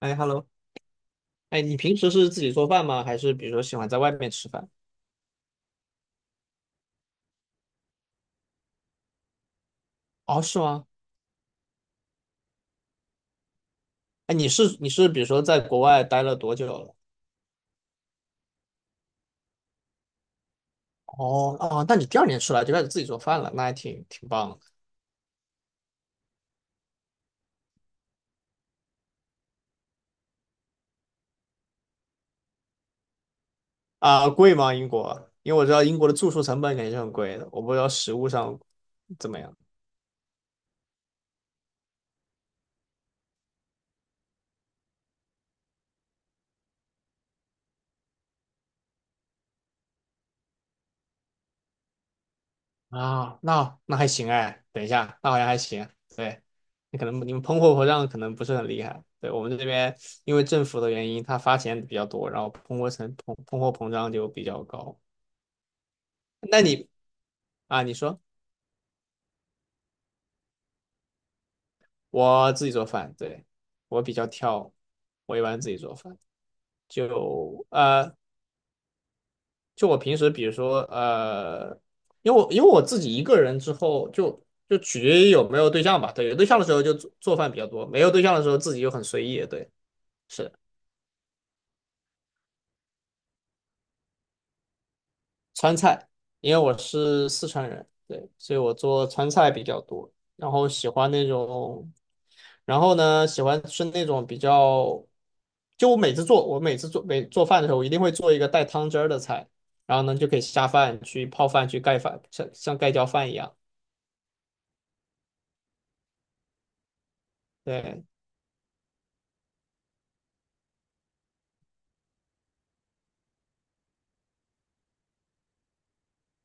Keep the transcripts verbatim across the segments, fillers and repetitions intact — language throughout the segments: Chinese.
哎，hello，哎，你平时是自己做饭吗？还是比如说喜欢在外面吃饭？哦，是吗？哎，你是你是比如说在国外待了多久了？哦哦，那你第二年出来就开始自己做饭了，那还挺挺棒的啊。贵吗？英国？因为我知道英国的住宿成本肯定是很贵的，我不知道食物上怎么样啊。那那还行哎，等一下，那好像还行。对，你可能你们通货膨胀可能不是很厉害。对，我们这边因为政府的原因，它发钱比较多，然后通货成通通货膨胀就比较高。那你啊，你说我自己做饭，对，我比较挑，我一般自己做饭，就呃，就我平时比如说呃，因为我因为我自己一个人之后就。就取决于有没有对象吧，对，有对象的时候就做做饭比较多，没有对象的时候自己就很随意，对，是。川菜，因为我是四川人，对，所以我做川菜比较多，然后喜欢那种，然后呢，喜欢吃那种比较，就我每次做，我每次做每做饭的时候，我一定会做一个带汤汁儿的菜，然后呢就可以下饭去泡饭去盖饭，像像盖浇饭一样，对，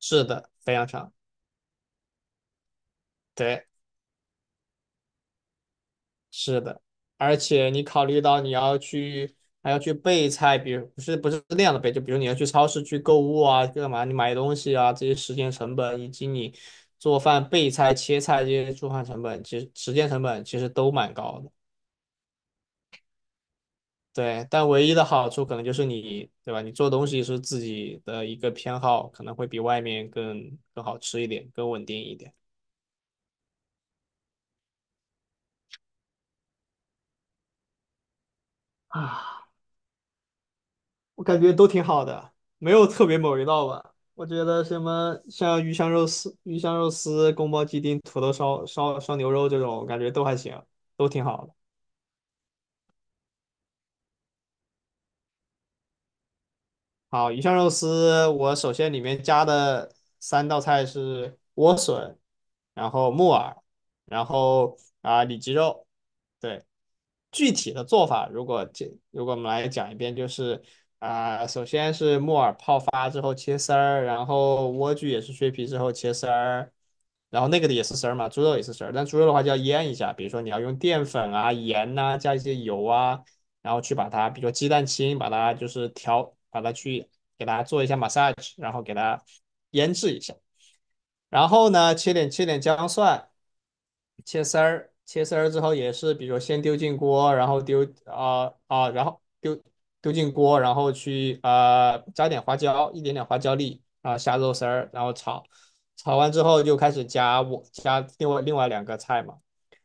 是的，非常长，对。是的，而且你考虑到你要去还要去备菜，比如不是不是那样的备，就比如你要去超市去购物啊，干嘛你买东西啊这些时间成本，以及你做饭备菜切菜这些做饭成本，其实时间成本其实都蛮高的。对，但唯一的好处可能就是你，对吧？你做东西是自己的一个偏好，可能会比外面更更好吃一点，更稳定一点。啊。我感觉都挺好的，没有特别某一道吧。我觉得什么像鱼香肉丝、鱼香肉丝、宫保鸡丁、土豆烧烧烧牛肉这种，感觉都还行，都挺好的。好，鱼香肉丝，我首先里面加的三道菜是莴笋，然后木耳，然后啊里脊肉。对，具体的做法，如果这如果我们来讲一遍，就是啊、首先是木耳泡发之后切丝儿，然后莴苣也是削皮之后切丝儿，然后那个的也是丝儿嘛，猪肉也是丝儿，但猪肉的话就要腌一下，比如说你要用淀粉啊、盐呐、加一些油啊。然后去把它，比如说鸡蛋清，把它就是调，把它去给它做一下 massage，然后给它腌制一下。然后呢，切点切点姜蒜，切丝儿，切丝儿之后也是，比如说先丢进锅，然后丢啊啊、呃呃然后丢丢进锅，然后去呃加点花椒，一点点花椒粒，啊后下肉丝儿，然后炒。炒完之后就开始加我加另外另外两个菜嘛，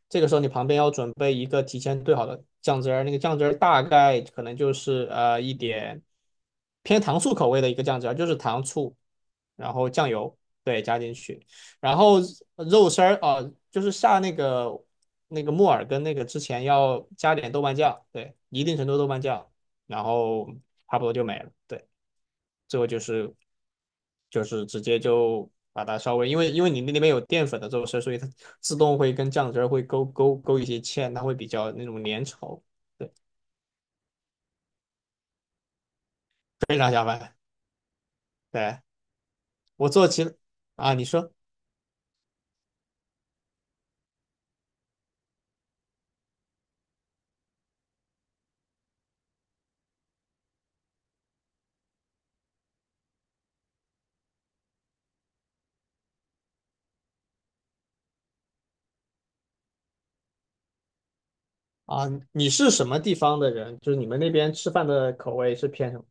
这个时候你旁边要准备一个提前兑好的酱汁儿，那个酱汁儿大概可能就是呃一点偏糖醋口味的一个酱汁儿，就是糖醋，然后酱油，对，加进去，然后肉丝儿啊、呃就是下那个那个木耳跟那个之前要加点豆瓣酱，对，一定程度豆瓣酱，然后差不多就没了，对，最后就是就是直接就把它稍微，因为因为你那里面有淀粉的这种事，所以它自动会跟酱汁儿会勾勾勾一些芡，它会比较那种粘稠，对，非常下饭。对，我做其啊，你说啊，你是什么地方的人？就是你们那边吃饭的口味是偏什么？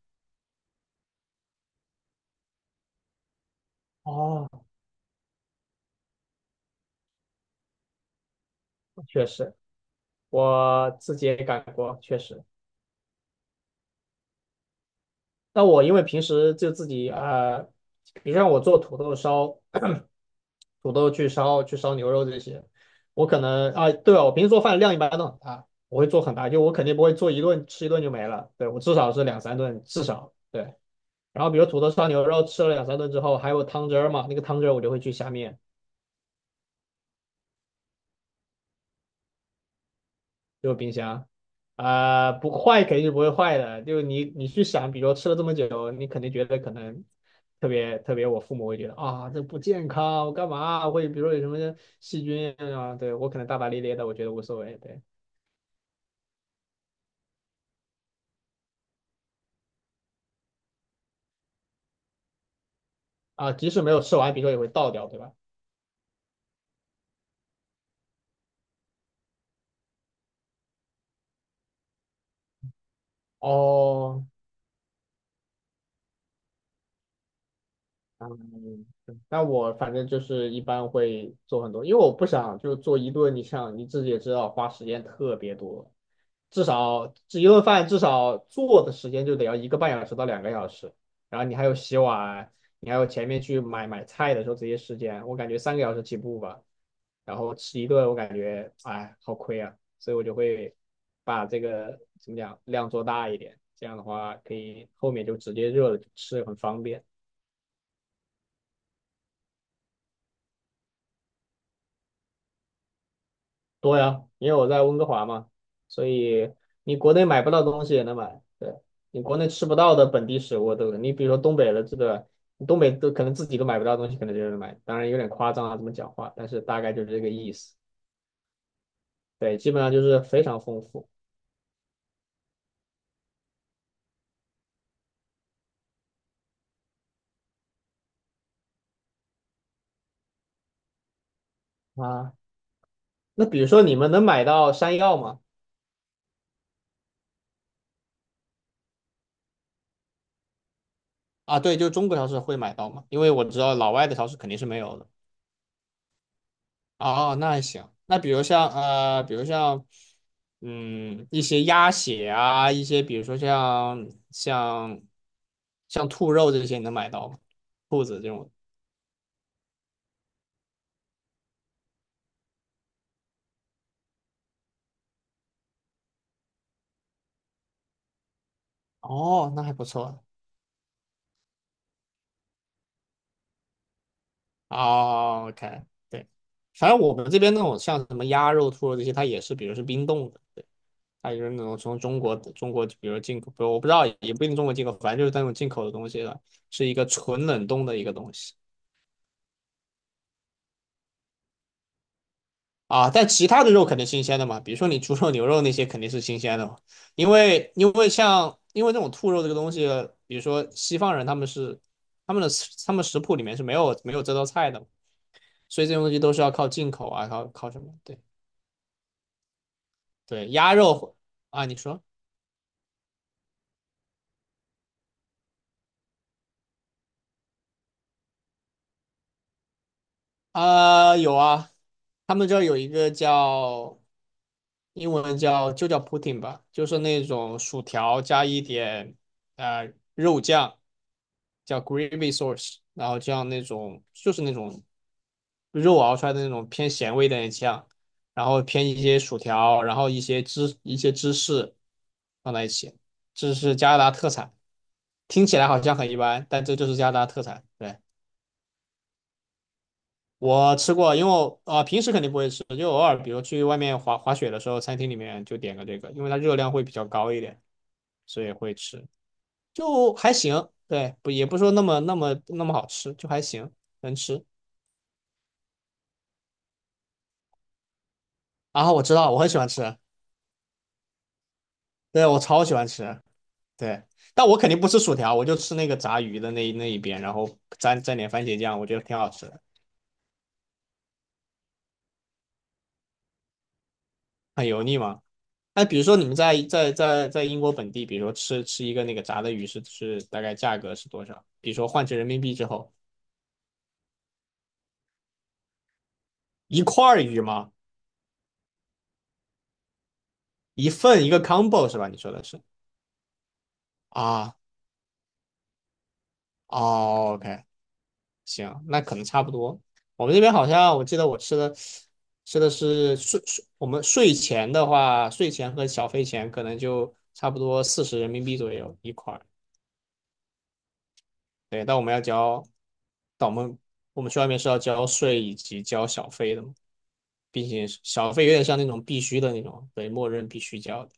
哦，确实，我自己也干过，确实。那我因为平时就自己啊、你比如像我做土豆烧，土豆去烧去烧牛肉这些。我可能啊，对啊，我平时做饭量一般都很大，我会做很大，就我肯定不会做一顿吃一顿就没了，对，我至少是两三顿，至少对。然后比如土豆烧牛肉吃了两三顿之后，还有汤汁儿嘛，那个汤汁儿我就会去下面，就是冰箱，啊、不坏肯定是不会坏的，就是你你去想，比如吃了这么久，你肯定觉得可能特别特别，我父母会觉得啊这不健康，我干嘛会比如说有什么细菌啊，对我可能大大咧咧的，我觉得无所谓，对。啊，即使没有吃完，比如说也会倒掉，对吧？哦，嗯，对那我反正就是一般会做很多，因为我不想就做一顿，你像你自己也知道，花时间特别多，至少这一顿饭至少做的时间就得要一个半小时到两个小时，然后你还有洗碗，你还有前面去买买菜的时候这些时间，我感觉三个小时起步吧，然后吃一顿我感觉哎好亏啊，所以我就会把这个怎么讲量做大一点，这样的话可以后面就直接热了就吃很方便。多呀，因为我在温哥华嘛，所以你国内买不到东西也能买，对，你国内吃不到的本地食物，对对？你比如说东北的这个，东北都可能自己都买不到东西，可能就能买，当然有点夸张啊，这么讲话，但是大概就是这个意思，对，基本上就是非常丰富啊。那比如说你们能买到山药吗？啊，对，就中国超市会买到吗？因为我知道老外的超市肯定是没有的。哦，那还行。那比如像呃，比如像嗯一些鸭血啊，一些比如说像像像兔肉这些，你能买到吗？兔子这种。哦，那还不错。哦，OK，对，反正我们这边那种像什么鸭肉、兔肉这些，它也是，比如是冰冻的，对，它就是那种从中国中国，比如进口，不我不知道，也不一定中国进口，反正就是那种进口的东西了，是一个纯冷冻的一个东西。啊，但其他的肉肯定新鲜的嘛，比如说你猪肉、牛肉那些肯定是新鲜的嘛，因为因为像因为这种兔肉这个东西，比如说西方人他们是他们的他们食谱里面是没有没有这道菜的，所以这种东西都是要靠进口啊，靠靠什么？对对，鸭肉啊，你说啊，有啊，他们这儿有一个叫英文叫就叫 pudding 吧，就是那种薯条加一点呃肉酱，叫 gravy sauce，然后像那种就是那种肉熬出来的那种偏咸味的那的酱，然后偏一些薯条，然后一些芝一些芝士放在一起，这是加拿大特产，听起来好像很一般，但这就是加拿大特产，对。我吃过，因为我啊、呃平时肯定不会吃，就偶尔比如去外面滑滑雪的时候，餐厅里面就点个这个，因为它热量会比较高一点，所以会吃，就还行。对，不也不说那么那么那么好吃，就还行，能吃。然后我知道，我很喜欢吃，对我超喜欢吃，对，但我肯定不吃薯条，我就吃那个炸鱼的那一那一边，然后蘸蘸点番茄酱，我觉得挺好吃的，很油腻吗？那比如说你们在在在在英国本地，比如说吃吃一个那个炸的鱼是是大概价格是多少？比如说换成人民币之后，一块鱼吗？一份一个 combo 是吧？你说的是啊？哦，OK，行，那可能差不多。我们这边好像我记得我吃的吃的是税税，我们税前的话，税前和小费前可能就差不多四十人民币左右一块对，但我们要交，但我们我们去外面是要交税以及交小费的嘛，并且小费有点像那种必须的那种，对，默认必须交的。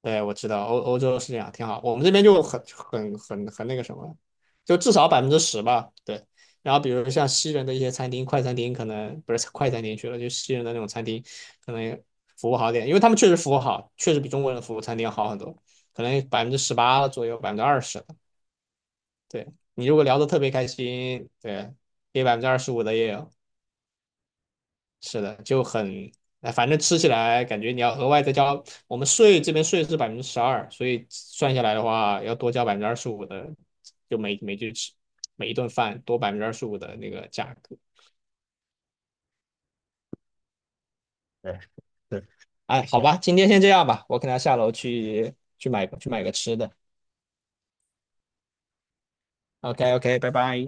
对，我知道欧欧洲是这样，挺好。我们这边就很很很很那个什么，就至少百分之十吧。对，然后比如像西人的一些餐厅、快餐厅，可能不是快餐厅去了，就西人的那种餐厅，可能服务好点，因为他们确实服务好，确实比中国人的服务餐厅要好很多，可能百分之十八左右，百分之二十。对你如果聊的特别开心，对，给百分之二十五的也有，是的，就很，哎，反正吃起来感觉你要额外再交，我们税这边税是百分之十二，所以算下来的话要多交百分之二十五的，就每每句吃每一顿饭多百分之二十五的那个价格。哎，好吧，今天先这样吧，我可能要下楼去去买去买个吃的。OK OK，拜拜。